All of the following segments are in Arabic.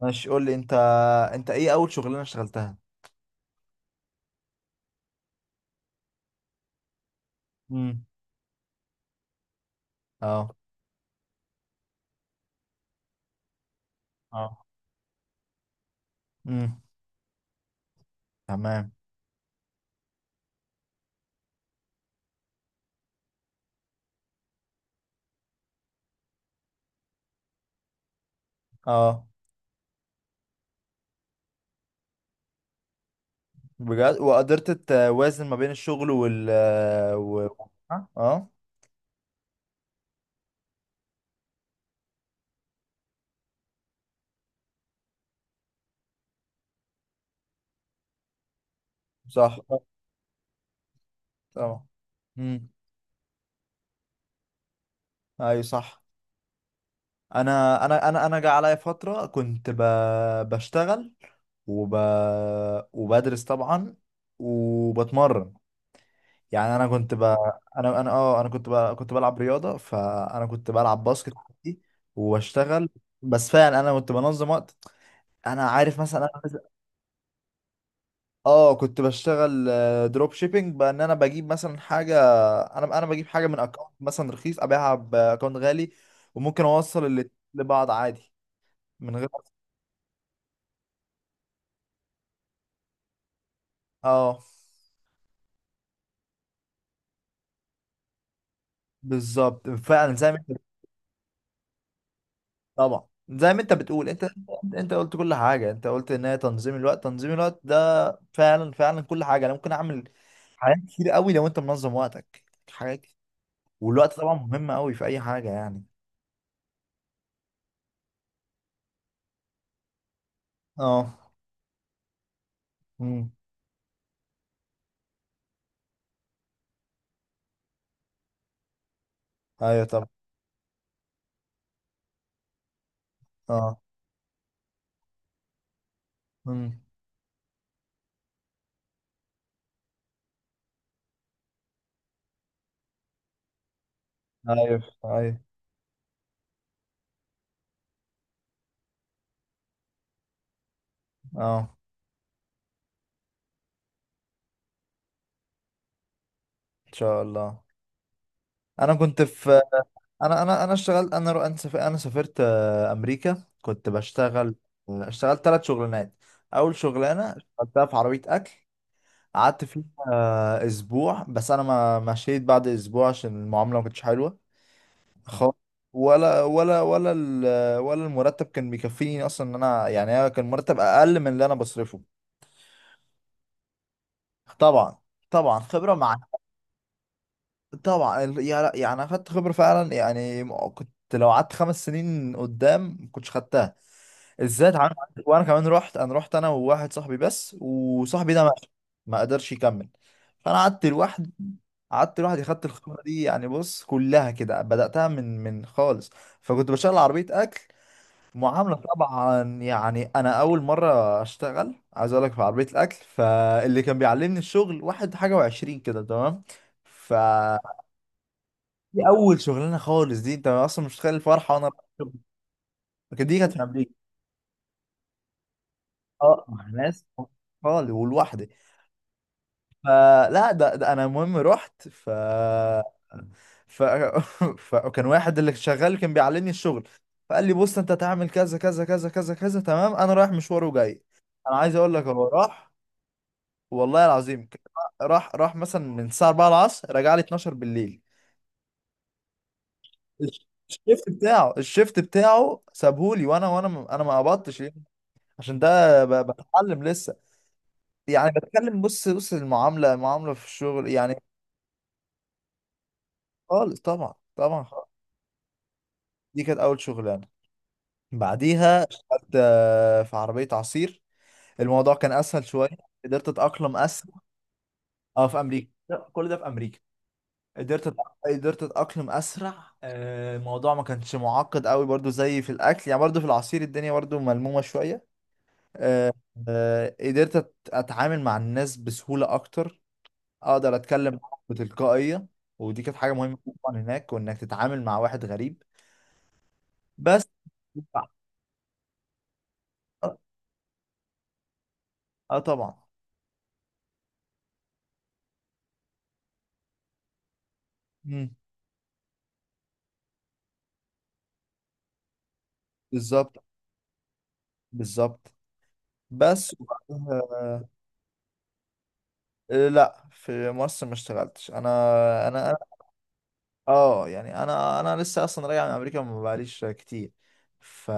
ماشي، قول لي انت. انت ايه اول شغلانه اشتغلتها؟ امم اه. اه. امم. تمام. اه. بجد؟ وقدرت توازن ما بين الشغل و... ها؟ اه. صح. اه. امم. ايوه، صح. انا جه عليا فتره كنت بشتغل وب... وبدرس طبعا وبتمرن. يعني انا كنت انا كنت كنت بلعب رياضه، فانا كنت بلعب باسكت عادي واشتغل. بس فعلا انا كنت بنظم وقت. انا عارف، مثلا اه، كنت بشتغل دروب شيبينج، بان انا بجيب مثلا حاجه. انا بجيب حاجه من اكونت مثلا رخيص ابيعها باكونت غالي، وممكن اوصل الاتنين لبعض عادي من غير. اه. بالظبط، فعلا زي ما انت. طبعا زي ما انت بتقول، انت، انت قلت كل حاجه. انت قلت ان هي تنظيم الوقت. تنظيم الوقت ده، فعلا فعلا، كل حاجه انا ممكن اعمل حاجات كتير قوي لو انت منظم وقتك. حاجات كتير. والوقت طبعا مهم قوي في اي حاجه يعني. اه. امم. ايوه، طبعا. اه. امم. ايوه، ايوه. اه. ان شاء الله. انا كنت في. انا اشتغلت، انا سافرت, أنا سافرت آه، امريكا، كنت بشتغل. اشتغلت ثلاث شغلانات. اول شغلانه اشتغلتها في عربيه اكل، قعدت فيها اسبوع بس. انا ما مشيت بعد اسبوع عشان المعامله ما كانتش حلوه خالص. ولا المرتب كان بيكفيني اصلا، ان انا يعني أنا كان مرتب اقل من اللي انا بصرفه. طبعا. طبعا خبره مع، طبعا يعني انا خدت خبره فعلا، يعني كنت لو قعدت 5 سنين قدام ما كنتش خدتها. الذات عنده. وانا كمان رحت، انا رحت انا وواحد صاحبي بس، وصاحبي ده ماشي، ما قدرش يكمل. فانا قعدت لوحدي. قعدت لوحدي، خدت الخبره دي. يعني بص، كلها كده بداتها من خالص. فكنت بشتغل عربيه اكل. معامله، طبعا يعني انا اول مره اشتغل، عايز اقول لك، في عربيه الاكل، فاللي كان بيعلمني الشغل واحد حاجه وعشرين كده، تمام. ف دي اول شغلانه خالص. دي انت اصلا مش متخيل الفرحه وانا رايح الشغل. لكن دي كانت في امريكا. اه، مع ناس خالص، ولوحدي. فلا، ده انا المهم رحت ف فكان واحد اللي شغال، كان بيعلمني الشغل. فقال لي: بص، انت هتعمل كذا كذا كذا كذا كذا، تمام، انا رايح مشوار وجاي. انا عايز اقول لك، هو راح. والله العظيم راح مثلا من الساعه 4 العصر، رجع لي 12 بالليل. الشيفت بتاعه سابهولي. وانا انا ما قبضتش ليه؟ عشان ده بتعلم لسه. يعني بتكلم، بص بص، المعامله المعامله في الشغل يعني. خالص. طبعا طبعا. دي كانت اول شغلانه. بعديها اشتغلت في عربيه عصير. الموضوع كان اسهل شويه. قدرت اتاقلم اسرع. اه، في امريكا. لا، كل ده في امريكا. قدرت اتاقلم اسرع. الموضوع ما كانش معقد قوي برضو زي في الاكل، يعني برضو في العصير الدنيا برضو ملمومه شويه. آه، آه، قدرت أت- اتعامل مع الناس بسهوله اكتر، اقدر اتكلم معاهم بتلقائيه. ودي كانت حاجه مهمه طبعا هناك، وانك تتعامل مع واحد غريب بس. اه. آه، طبعا. مم. بالظبط. بالظبط. بس وبعدها لا في مصر ما اشتغلتش. انا اه، يعني انا لسه اصلا راجع من امريكا، ما بقاليش كتير. ف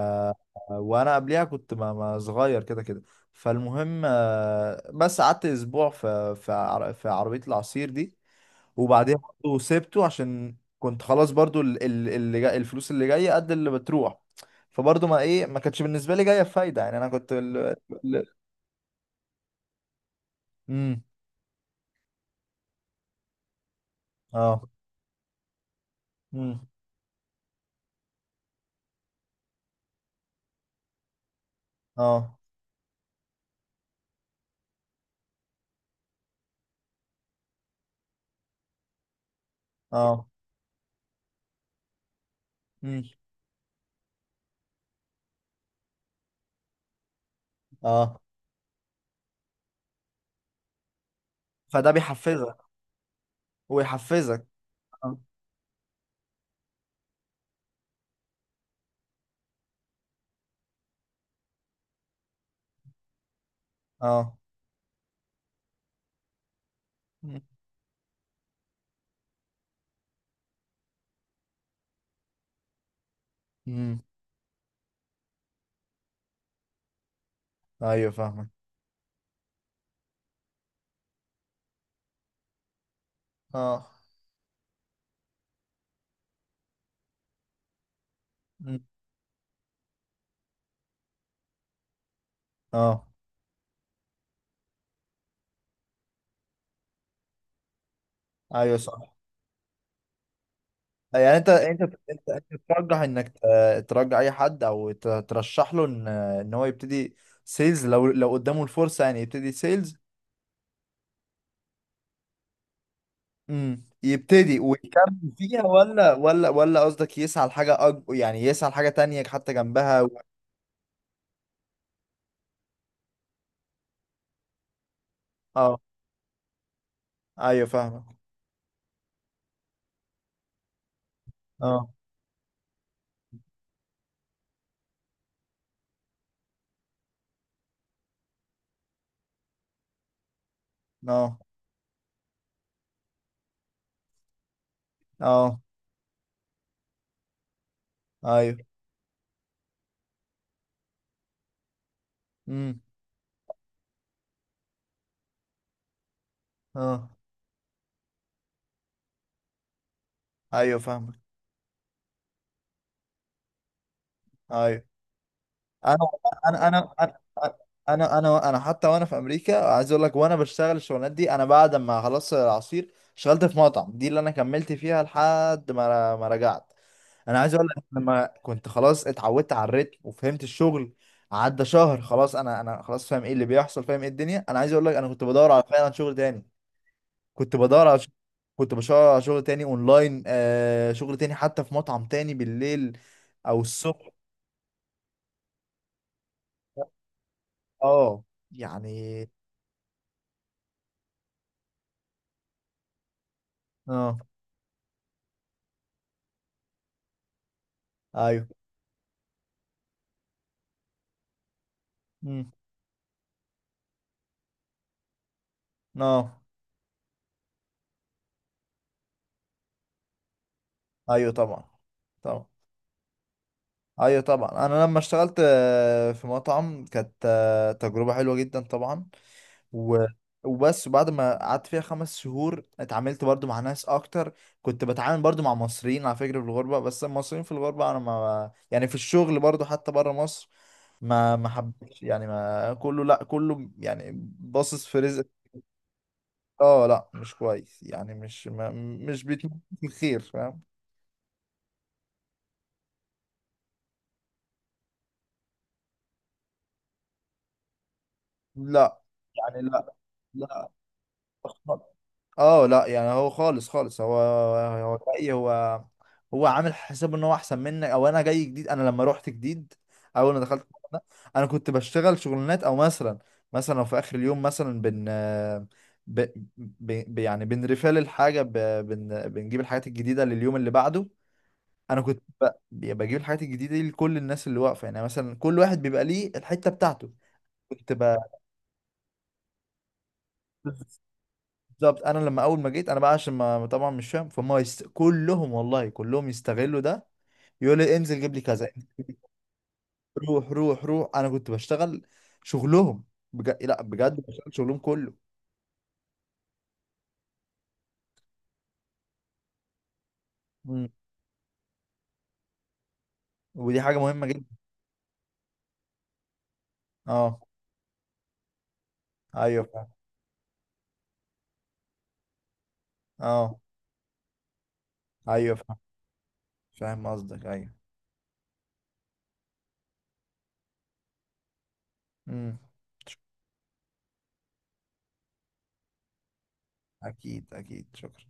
وانا قبليها كنت ما صغير كده كده. فالمهم بس قعدت اسبوع في عربية العصير دي. وبعديها برضه سبته، عشان كنت خلاص. برضه ال- ال- اللي جاي الفلوس اللي جايه قد اللي بتروح، فبرضه ما ايه، ما كانتش بالنسبه لي جايه بفايده. يعني انا كنت ال... امم. اه. اه. اه. مم. اه. فده بيحفزك ويحفزك. اه. اه. مم. مم. ايوه، فاهمك. اه. مم. اه. ايوه، صح. يعني انت انت ترجح انك ترجع اي حد، او ترشح له ان هو يبتدي سيلز، لو قدامه الفرصة، يعني يبتدي سيلز. امم، يبتدي ويكمل فيها، ولا ولا قصدك يسعى لحاجة يعني يسعى لحاجة تانية حتى جنبها اه. ايوه، فاهمك. اه. اه. اه. ايوه. امم. اه. ايوه، فاهمك. ايوه. انا انا انا انا انا انا, أنا حتى وانا في امريكا، عايز اقول لك، وانا بشتغل الشغلانات دي، انا بعد ما خلصت العصير اشتغلت في مطعم، دي اللي انا كملت فيها لحد ما رجعت. انا عايز اقول لك، لما كنت خلاص اتعودت على الريتم وفهمت الشغل، عدى شهر، خلاص انا خلاص فاهم ايه اللي بيحصل، فاهم ايه الدنيا. انا عايز اقول لك، انا كنت بدور على، فعلا، شغل تاني. كنت بدور على ش- كنت بدور على شغل تاني اونلاين، شغل تاني، حتى في مطعم تاني بالليل او الصبح. اه. يعني، اه. ايوه. امم. اه. ايوه، طبعا. طبعا. ايوه، طبعا. انا لما اشتغلت في مطعم، كانت تجربة حلوة جدا طبعا و... وبس، بعد ما قعدت فيها 5 شهور، اتعاملت برضو مع ناس اكتر. كنت بتعامل برضو مع مصريين، على فكرة، في الغربة. بس المصريين في الغربة، انا ما يعني في الشغل برضو حتى بره مصر، ما حبش، يعني، ما كله، لا كله يعني باصص في رزق. اه، لا مش كويس، يعني مش ما، مش بيتمنى الخير، فاهم. لا، يعني، لا، لا. اه، لا يعني هو خالص خالص. هو جاي. هو عامل حساب ان هو احسن منك، او انا جاي جديد، انا لما روحت جديد، اول ما دخلت الموضوع ده، انا كنت بشتغل شغلانات او مثلا، مثلا لو في اخر اليوم مثلا بن ب... ب... ب... يعني بنرفال الحاجه، بنجيب الحاجات الجديده لليوم اللي بعده. انا كنت بجيب الحاجات الجديده دي لكل الناس اللي واقفه، يعني مثلا كل واحد بيبقى ليه الحته بتاعته. كنت بالظبط. انا لما اول ما جيت، انا بقى عشان ما طبعا مش فاهم فهم، كلهم والله كلهم يستغلوا ده. يقول لي: انزل جيب لي كذا، انزل جيب لي كذا. روح روح روح. انا كنت بشتغل شغلهم، بجد، لا بجد، بشتغل شغلهم كله. مم. ودي حاجه مهمه جدا. اه، ايوه، فاهم. اه، ايوه، فاهم. فاهم قصدك، ايوه. امم. اكيد اكيد، شكرا.